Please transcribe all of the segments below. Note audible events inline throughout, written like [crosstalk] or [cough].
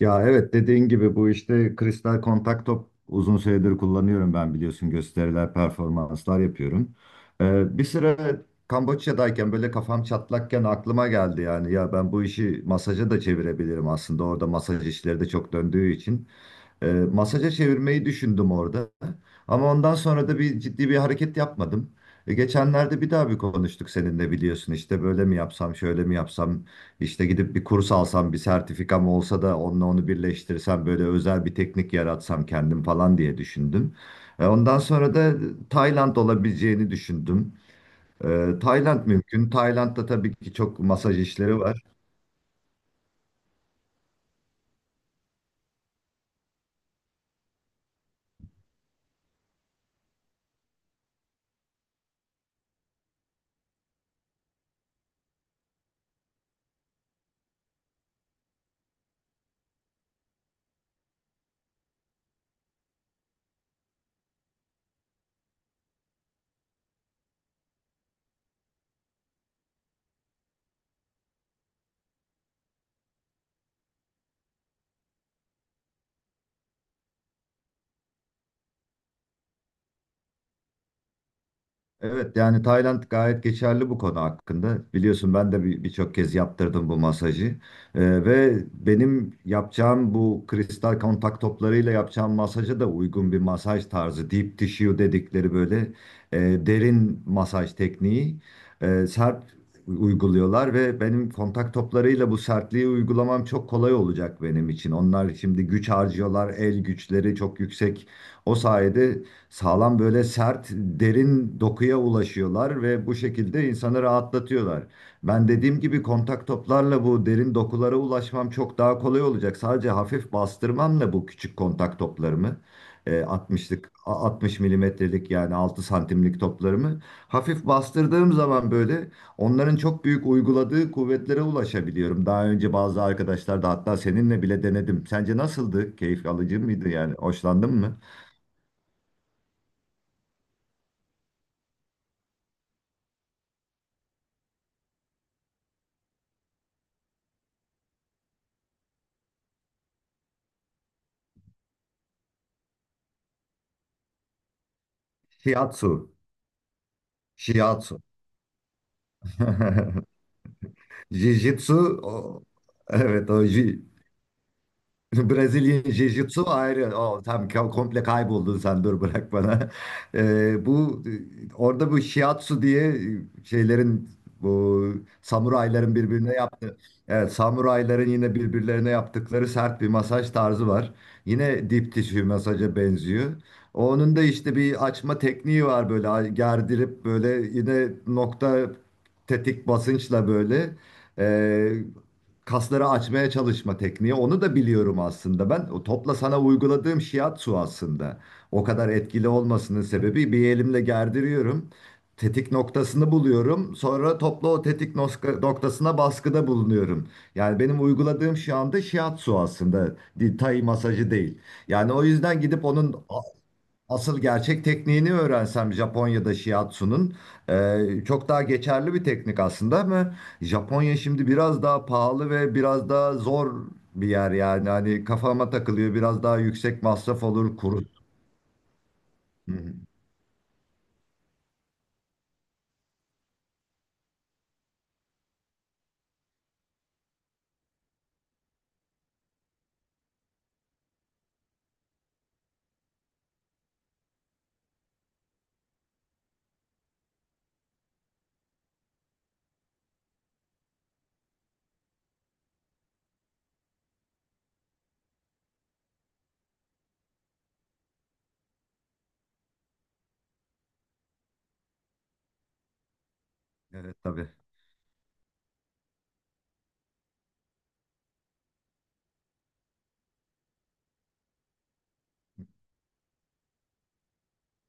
Ya evet dediğin gibi bu işte kristal kontak top uzun süredir kullanıyorum ben biliyorsun gösteriler performanslar yapıyorum. Bir süre Kamboçya'dayken böyle kafam çatlakken aklıma geldi yani ya ben bu işi masaja da çevirebilirim aslında orada masaj işleri de çok döndüğü için. Masaja çevirmeyi düşündüm orada ama ondan sonra da bir ciddi bir hareket yapmadım. Geçenlerde bir daha bir konuştuk seninle biliyorsun işte böyle mi yapsam şöyle mi yapsam. İşte gidip bir kurs alsam, bir sertifikam olsa da onunla onu birleştirsem, böyle özel bir teknik yaratsam kendim falan diye düşündüm. Ondan sonra da Tayland olabileceğini düşündüm. Tayland mümkün. Tayland'da tabii ki çok masaj işleri var. Evet yani Tayland gayet geçerli bu konu hakkında. Biliyorsun ben de birçok kez yaptırdım bu masajı. Ve benim yapacağım bu kristal kontak toplarıyla yapacağım masaja da uygun bir masaj tarzı. Deep tissue dedikleri böyle e, derin masaj tekniği sert uyguluyorlar ve benim kontak toplarıyla bu sertliği uygulamam çok kolay olacak benim için. Onlar şimdi güç harcıyorlar, el güçleri çok yüksek. O sayede sağlam böyle sert, derin dokuya ulaşıyorlar ve bu şekilde insanı rahatlatıyorlar. Ben dediğim gibi kontak toplarla bu derin dokulara ulaşmam çok daha kolay olacak. Sadece hafif bastırmamla bu küçük kontak toplarımı, 60'lık, 60 milimetrelik yani 6 santimlik toplarımı hafif bastırdığım zaman böyle onların çok büyük uyguladığı kuvvetlere ulaşabiliyorum. Daha önce bazı arkadaşlar da hatta seninle bile denedim. Sence nasıldı? Keyif alıcı mıydı yani? Hoşlandın mı? Shiatsu. Shiatsu. [laughs] Jiu-Jitsu o- evet [laughs] Brezilya Jiu-Jitsu ayrı. O, tam komple kayboldun sen dur bırak bana. [laughs] Bu orada bu Shiatsu diye şeylerin bu samurayların birbirine evet, samurayların yine birbirlerine yaptıkları sert bir masaj tarzı var. Yine dip tissue masaja benziyor. Onun da işte bir açma tekniği var böyle gerdirip böyle yine nokta tetik basınçla böyle e, kasları açmaya çalışma tekniği. Onu da biliyorum aslında ben. O topla sana uyguladığım shiatsu aslında. O kadar etkili olmasının sebebi bir elimle gerdiriyorum tetik noktasını buluyorum. Sonra toplu o tetik noktasına baskıda bulunuyorum. Yani benim uyguladığım şu anda shiatsu aslında. Tai masajı değil. Yani o yüzden gidip onun asıl gerçek tekniğini öğrensem Japonya'da shiatsu'nun çok daha geçerli bir teknik aslında ama Japonya şimdi biraz daha pahalı ve biraz daha zor bir yer yani. Hani kafama takılıyor. Biraz daha yüksek masraf olur, kuru. Hı hı. Evet tabii.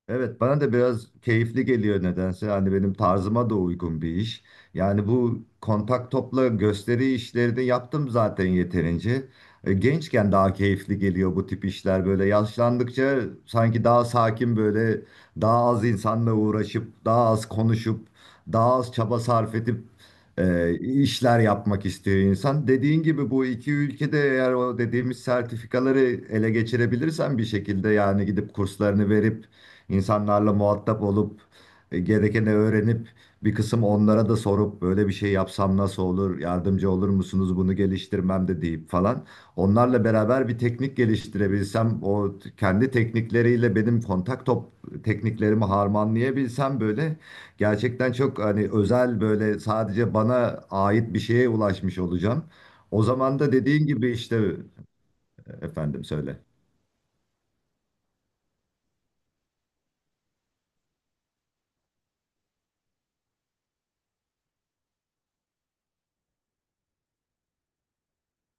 Evet bana da biraz keyifli geliyor nedense. Hani benim tarzıma da uygun bir iş. Yani bu kontak topla gösteri işleri de yaptım zaten yeterince. Gençken daha keyifli geliyor bu tip işler böyle. Yaşlandıkça sanki daha sakin böyle daha az insanla uğraşıp daha az konuşup daha az çaba sarf edip e, işler yapmak istiyor insan. Dediğin gibi bu iki ülkede eğer o dediğimiz sertifikaları ele geçirebilirsen bir şekilde yani gidip kurslarını verip İnsanlarla muhatap olup gerekeni öğrenip bir kısım onlara da sorup böyle bir şey yapsam nasıl olur, yardımcı olur musunuz bunu geliştirmemde deyip falan. Onlarla beraber bir teknik geliştirebilsem, kendi teknikleriyle benim kontak top tekniklerimi harmanlayabilsem böyle gerçekten çok hani özel böyle sadece bana ait bir şeye ulaşmış olacağım. O zaman da dediğin gibi işte efendim söyle.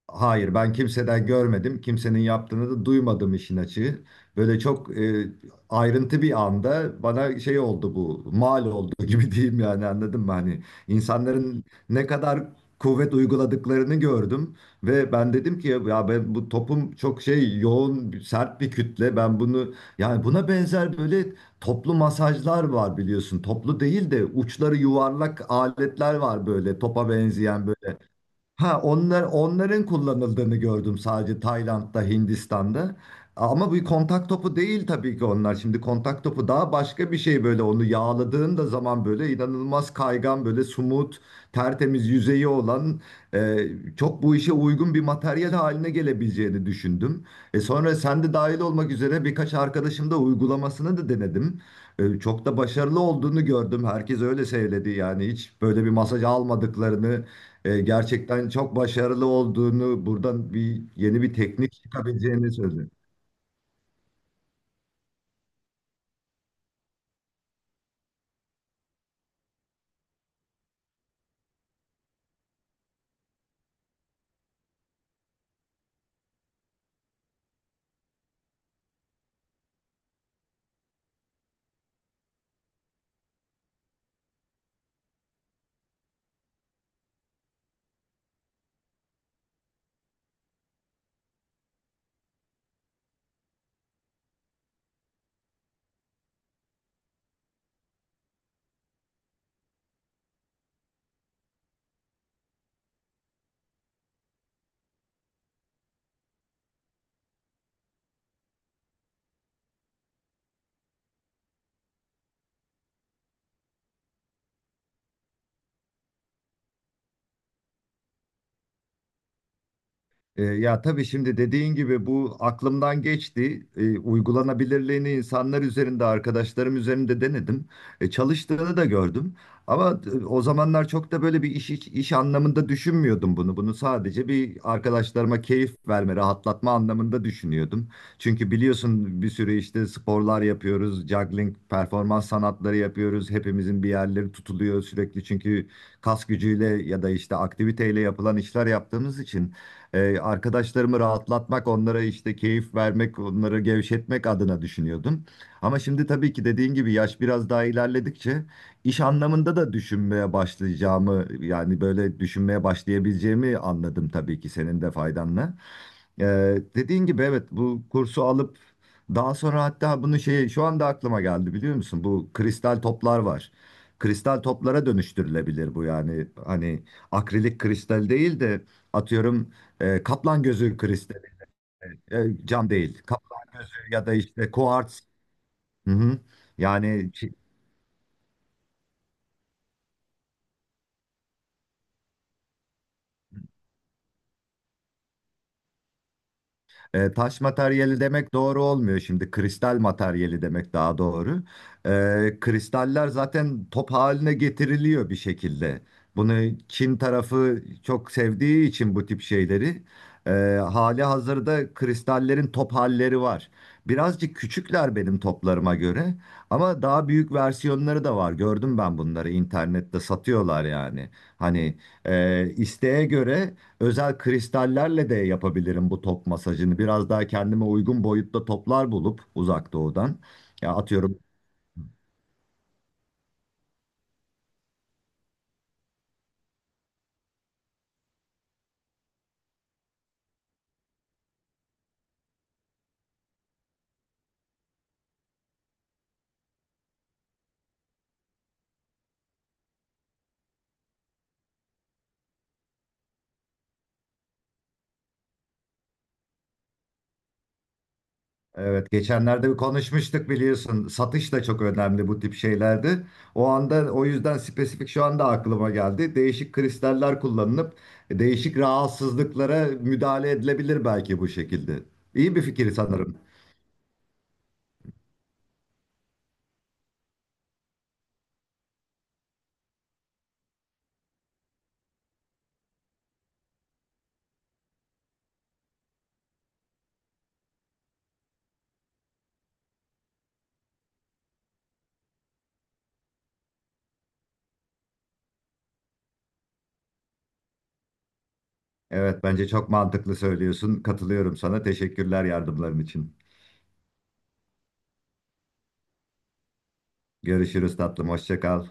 Hayır, ben kimseden görmedim. Kimsenin yaptığını da duymadım işin açığı. Böyle çok ayrıntı bir anda bana şey oldu bu, mal oldu [laughs] gibi diyeyim yani anladın mı? Hani insanların ne kadar kuvvet uyguladıklarını gördüm ve ben dedim ki ya ben bu topum çok şey yoğun, sert bir kütle. Ben bunu yani buna benzer böyle toplu masajlar var biliyorsun. Toplu değil de uçları yuvarlak aletler var böyle topa benzeyen böyle. Ha onlar onların kullanıldığını gördüm sadece Tayland'da, Hindistan'da. Ama bu kontak topu değil tabii ki onlar. Şimdi kontak topu daha başka bir şey böyle onu yağladığın da zaman böyle inanılmaz kaygan böyle sumut, tertemiz yüzeyi olan e, çok bu işe uygun bir materyal haline gelebileceğini düşündüm. E sonra sen de dahil olmak üzere birkaç arkadaşım da uygulamasını da denedim. Çok da başarılı olduğunu gördüm. Herkes öyle söyledi yani hiç böyle bir masaj almadıklarını gerçekten çok başarılı olduğunu, buradan bir yeni bir teknik çıkabileceğini söyledi. Ya tabii şimdi dediğin gibi bu aklımdan geçti. Uygulanabilirliğini insanlar üzerinde, arkadaşlarım üzerinde denedim. Çalıştığını da gördüm. Ama o zamanlar çok da böyle bir iş anlamında düşünmüyordum bunu. Bunu sadece bir arkadaşlarıma keyif verme, rahatlatma anlamında düşünüyordum. Çünkü biliyorsun bir sürü işte sporlar yapıyoruz, juggling, performans sanatları yapıyoruz. Hepimizin bir yerleri tutuluyor sürekli çünkü kas gücüyle ya da işte aktiviteyle yapılan işler yaptığımız için. Arkadaşlarımı rahatlatmak, onlara işte keyif vermek, onları gevşetmek adına düşünüyordum. Ama şimdi tabii ki dediğin gibi yaş biraz daha ilerledikçe iş anlamında da düşünmeye başlayacağımı yani böyle düşünmeye başlayabileceğimi anladım tabii ki senin de faydanla. Dediğin gibi evet bu kursu alıp daha sonra hatta bunu şey şu anda aklıma geldi biliyor musun? Bu kristal toplar var. Kristal toplara dönüştürülebilir bu yani hani akrilik kristal değil de atıyorum kaplan gözü kristali e, cam değil kaplan gözü ya da işte kuarts. Hı hı. Yani taş materyali demek doğru olmuyor şimdi. Kristal materyali demek daha doğru. Kristaller zaten top haline getiriliyor bir şekilde. Bunu Çin tarafı çok sevdiği için bu tip şeyleri e, hali hazırda kristallerin top halleri var. Birazcık küçükler benim toplarıma göre ama daha büyük versiyonları da var. Gördüm ben bunları internette satıyorlar yani. Hani isteğe göre özel kristallerle de yapabilirim bu top masajını. Biraz daha kendime uygun boyutta toplar bulup uzak doğudan. Ya atıyorum evet, geçenlerde bir konuşmuştuk biliyorsun. Satış da çok önemli bu tip şeylerde. O anda o yüzden spesifik şu anda aklıma geldi. Değişik kristaller kullanılıp değişik rahatsızlıklara müdahale edilebilir belki bu şekilde. İyi bir fikir sanırım. Evet, bence çok mantıklı söylüyorsun. Katılıyorum sana. Teşekkürler yardımların için. Görüşürüz tatlım. Hoşça kal.